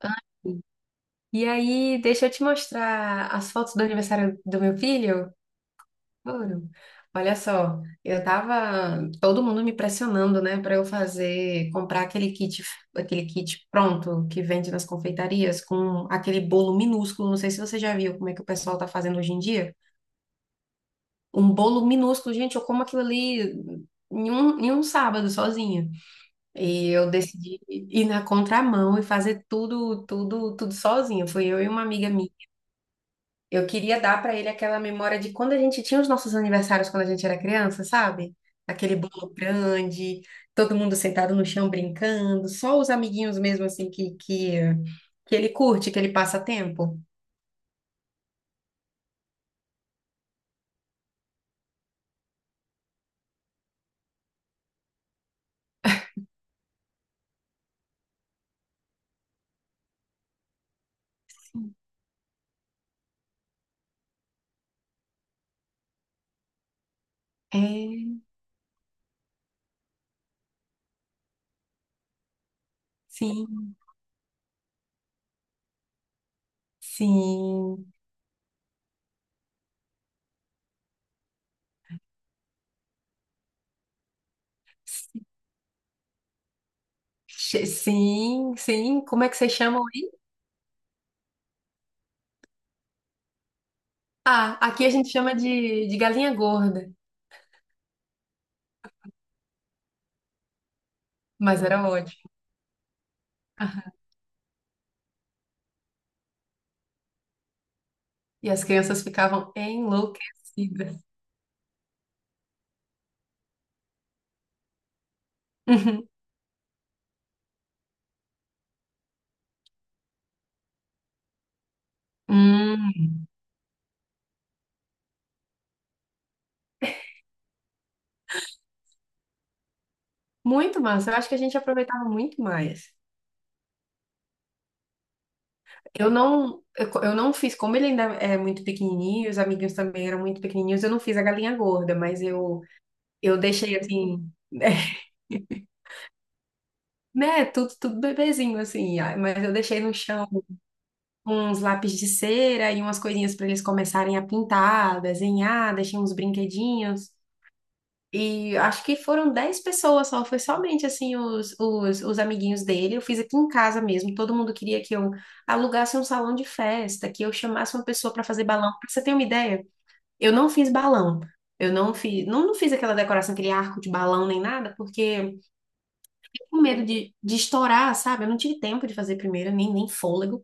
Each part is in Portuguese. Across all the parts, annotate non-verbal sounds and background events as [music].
Ai, e aí, deixa eu te mostrar as fotos do aniversário do meu filho. Ouro. Olha só, eu tava todo mundo me pressionando, né, para eu fazer, comprar aquele kit pronto que vende nas confeitarias com aquele bolo minúsculo. Não sei se você já viu como é que o pessoal tá fazendo hoje em dia. Um bolo minúsculo, gente, eu como aquilo ali em um sábado sozinha. E eu decidi ir na contramão e fazer tudo, tudo, tudo sozinha. Fui eu e uma amiga minha. Eu queria dar pra ele aquela memória de quando a gente tinha os nossos aniversários quando a gente era criança, sabe? Aquele bolo grande, todo mundo sentado no chão brincando, só os amiguinhos mesmo assim que ele curte, que ele passa tempo. É, sim, sim. Sim, sim. Como é que vocês chamam aí? Ah, aqui a gente chama de galinha gorda, mas era ótimo. E as crianças ficavam enlouquecidas. [laughs] Uhum. Hum. Muito massa. Eu acho que a gente aproveitava muito mais. Eu não, eu não fiz, como ele ainda é muito pequenininho, os amiguinhos também eram muito pequenininhos, eu não fiz a galinha gorda, mas eu deixei assim, [laughs] né, tudo, tudo bebezinho assim, ah, mas eu deixei no chão uns lápis de cera e umas coisinhas para eles começarem a pintar, desenhar, deixei uns brinquedinhos. E acho que foram 10 pessoas só, foi somente assim os amiguinhos dele. Eu fiz aqui em casa mesmo. Todo mundo queria que eu alugasse um salão de festa, que eu chamasse uma pessoa para fazer balão. Pra você ter uma ideia, eu não fiz balão. Eu não fiz, não, não fiz aquela decoração, aquele arco de balão nem nada, porque com medo de estourar, sabe? Eu não tive tempo de fazer primeiro, nem fôlego.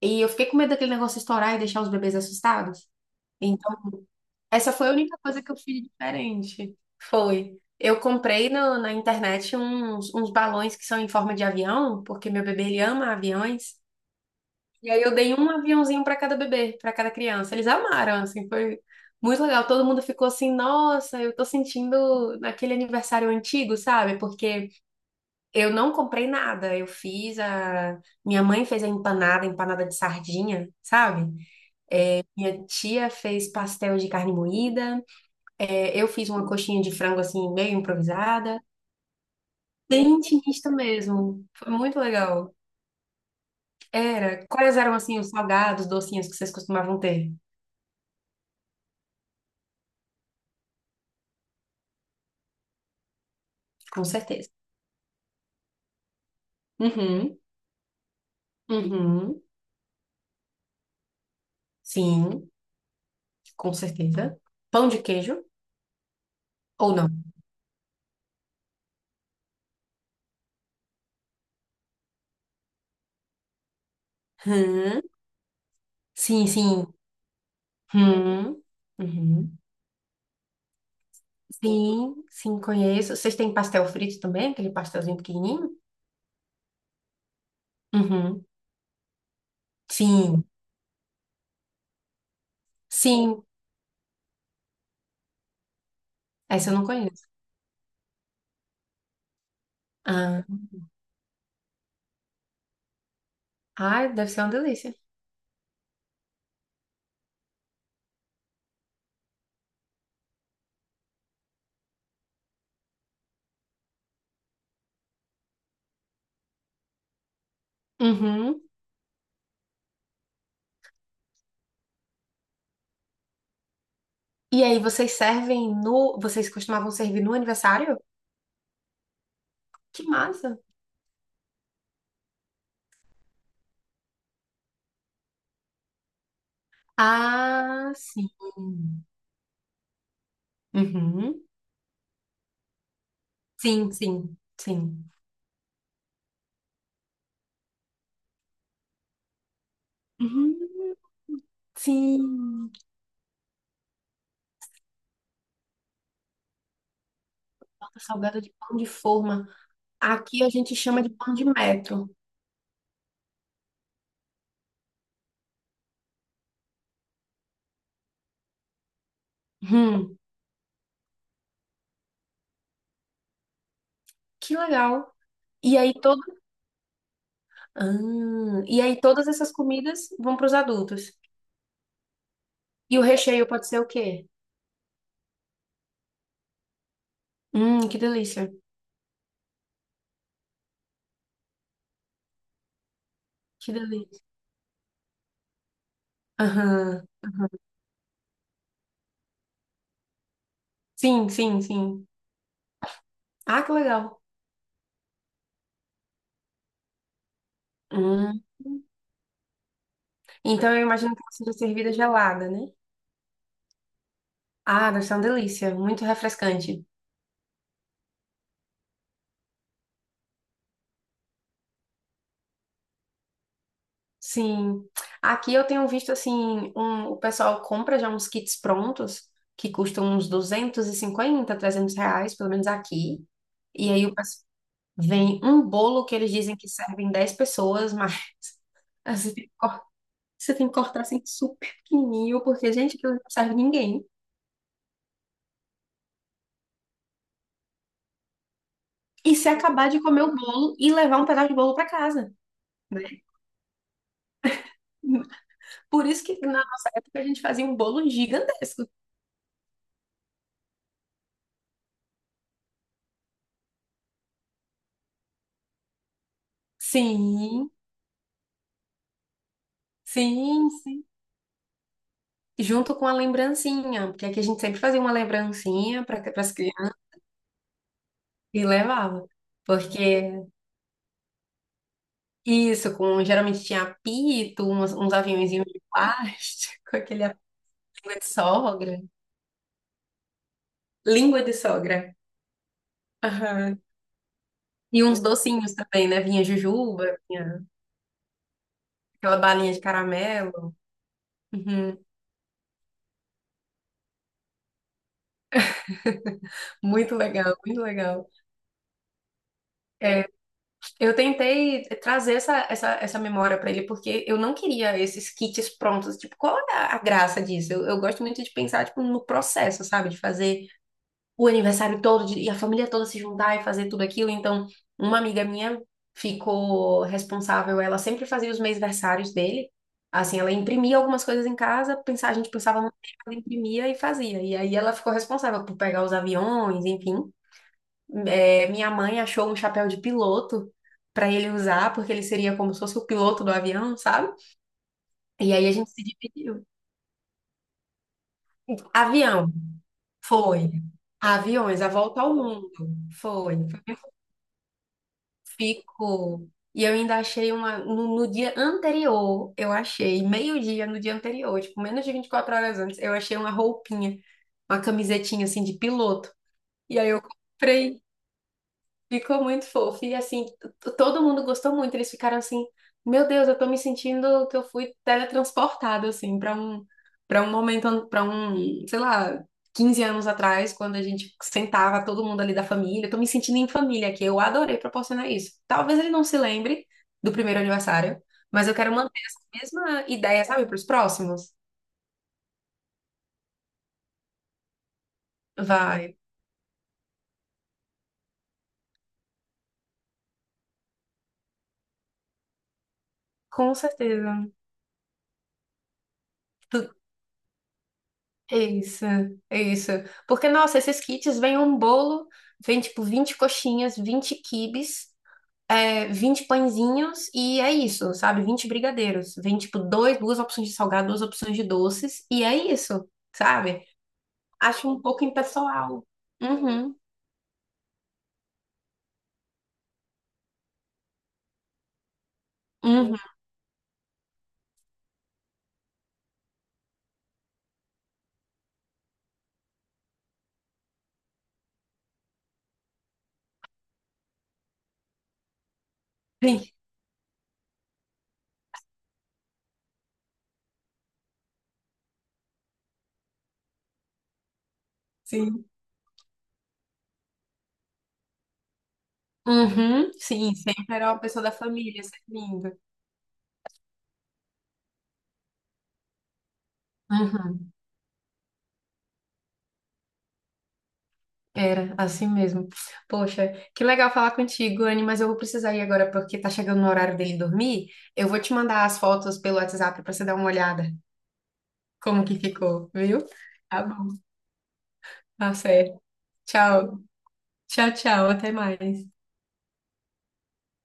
E eu fiquei com medo daquele negócio estourar e deixar os bebês assustados. Essa foi a única coisa que eu fiz diferente. Foi. Eu comprei na internet uns balões que são em forma de avião, porque meu bebê ele ama aviões. E aí eu dei um aviãozinho para cada bebê, para cada criança. Eles amaram, assim, foi muito legal. Todo mundo ficou assim, nossa, eu tô sentindo naquele aniversário antigo, sabe? Porque eu não comprei nada. Eu fiz a. Minha mãe fez a empanada de sardinha, sabe? É, minha tia fez pastel de carne moída. É, eu fiz uma coxinha de frango assim, meio improvisada. Bem intimista mesmo. Foi muito legal. Era. Quais eram assim os salgados, docinhos que vocês costumavam ter? Com certeza. Uhum. Uhum. Sim, com certeza. Pão de queijo ou não? Hum. Sim, sim. Hum. Uhum. Sim, sim, conheço. Vocês têm pastel frito também? Aquele pastelzinho pequenininho? Uhum. Sim, sim. Essa eu não conheço. Ah, ai, deve ser uma delícia. Uhum. E aí, vocês servem no. Vocês costumavam servir no aniversário? Que massa! Ah, sim. Uhum. Sim, sim, sim. Uhum. Sim. Torta salgada de pão de forma. Aqui a gente chama de pão de metro. Hum, que legal. E aí, todo... ah, e aí, todas essas comidas vão para os adultos. E o recheio pode ser o quê? Que delícia. Que delícia. Aham. Sim, sim, sim. Ah, que legal. Hum. Então eu imagino que ela seja servida gelada, né? Ah, deve ser uma delícia, muito refrescante. Sim. Aqui eu tenho visto assim, o pessoal compra já uns kits prontos que custam uns 250, R$ 300, pelo menos aqui. E aí o pessoal vem um bolo que eles dizem que serve em 10 pessoas, mas [laughs] você tem que você tem que cortar assim super pequenininho, porque, gente, aquilo não serve ninguém. E se acabar de comer o bolo e levar um pedaço de bolo para casa, né? Por isso que na nossa época a gente fazia um bolo gigantesco. Sim, sim, sim. Junto com a lembrancinha, porque aqui a gente sempre fazia uma lembrancinha para as crianças e levava. Porque isso, com geralmente tinha apito, uns aviõezinhos de plástico, [laughs] aquele apito de sogra, língua de sogra. Aham. E uns docinhos também, né? Vinha jujuba, vinha aquela balinha de caramelo. Uhum. Muito legal, muito legal. Eu tentei trazer essa memória para ele, porque eu não queria esses kits prontos. Tipo, qual é a graça disso? Eu gosto muito de pensar, tipo, no processo, sabe? De fazer o aniversário todo e a família toda se juntar e fazer tudo aquilo. Então, uma amiga minha ficou responsável, ela sempre fazia os mêsversários dele. Assim, ela imprimia algumas coisas em casa, pensava, a gente pensava no tema, ela imprimia e fazia. E aí ela ficou responsável por pegar os aviões, enfim. É, minha mãe achou um chapéu de piloto para ele usar, porque ele seria como se fosse o piloto do avião, sabe? E aí a gente se dividiu. Avião, foi. Aviões, a volta ao mundo, foi. Ficou. E eu ainda achei uma. No dia anterior, eu achei, meio-dia no dia anterior, tipo, menos de 24 horas antes, eu achei uma roupinha, uma camisetinha assim de piloto. E aí eu comprei. Ficou muito fofo. E assim, todo mundo gostou muito. Eles ficaram assim, meu Deus, eu tô me sentindo que eu fui teletransportado, assim, para um momento, para um, sei lá, 15 anos atrás, quando a gente sentava todo mundo ali da família. Eu tô me sentindo em família aqui. Eu adorei proporcionar isso. Talvez ele não se lembre do primeiro aniversário, mas eu quero manter essa mesma ideia, sabe, para os próximos. Vai, com certeza. Tu É isso, é isso. Porque, nossa, esses kits vêm um bolo, vem tipo 20 coxinhas, 20 quibes, é, 20 pãezinhos e é isso, sabe? 20 brigadeiros. Vem tipo dois, duas opções de salgado, duas opções de doces e é isso, sabe? Acho um pouco impessoal. Uhum, uhum. [laughs] Sim, sim. Uhum, sim, sempre era uma pessoa da família servindo. Era, assim mesmo. Poxa, que legal falar contigo, Anne, mas eu vou precisar ir agora porque tá chegando no horário dele dormir. Eu vou te mandar as fotos pelo WhatsApp pra você dar uma olhada como que ficou, viu? Tá bom. Tá certo. Tchau. Tchau, tchau. Até mais.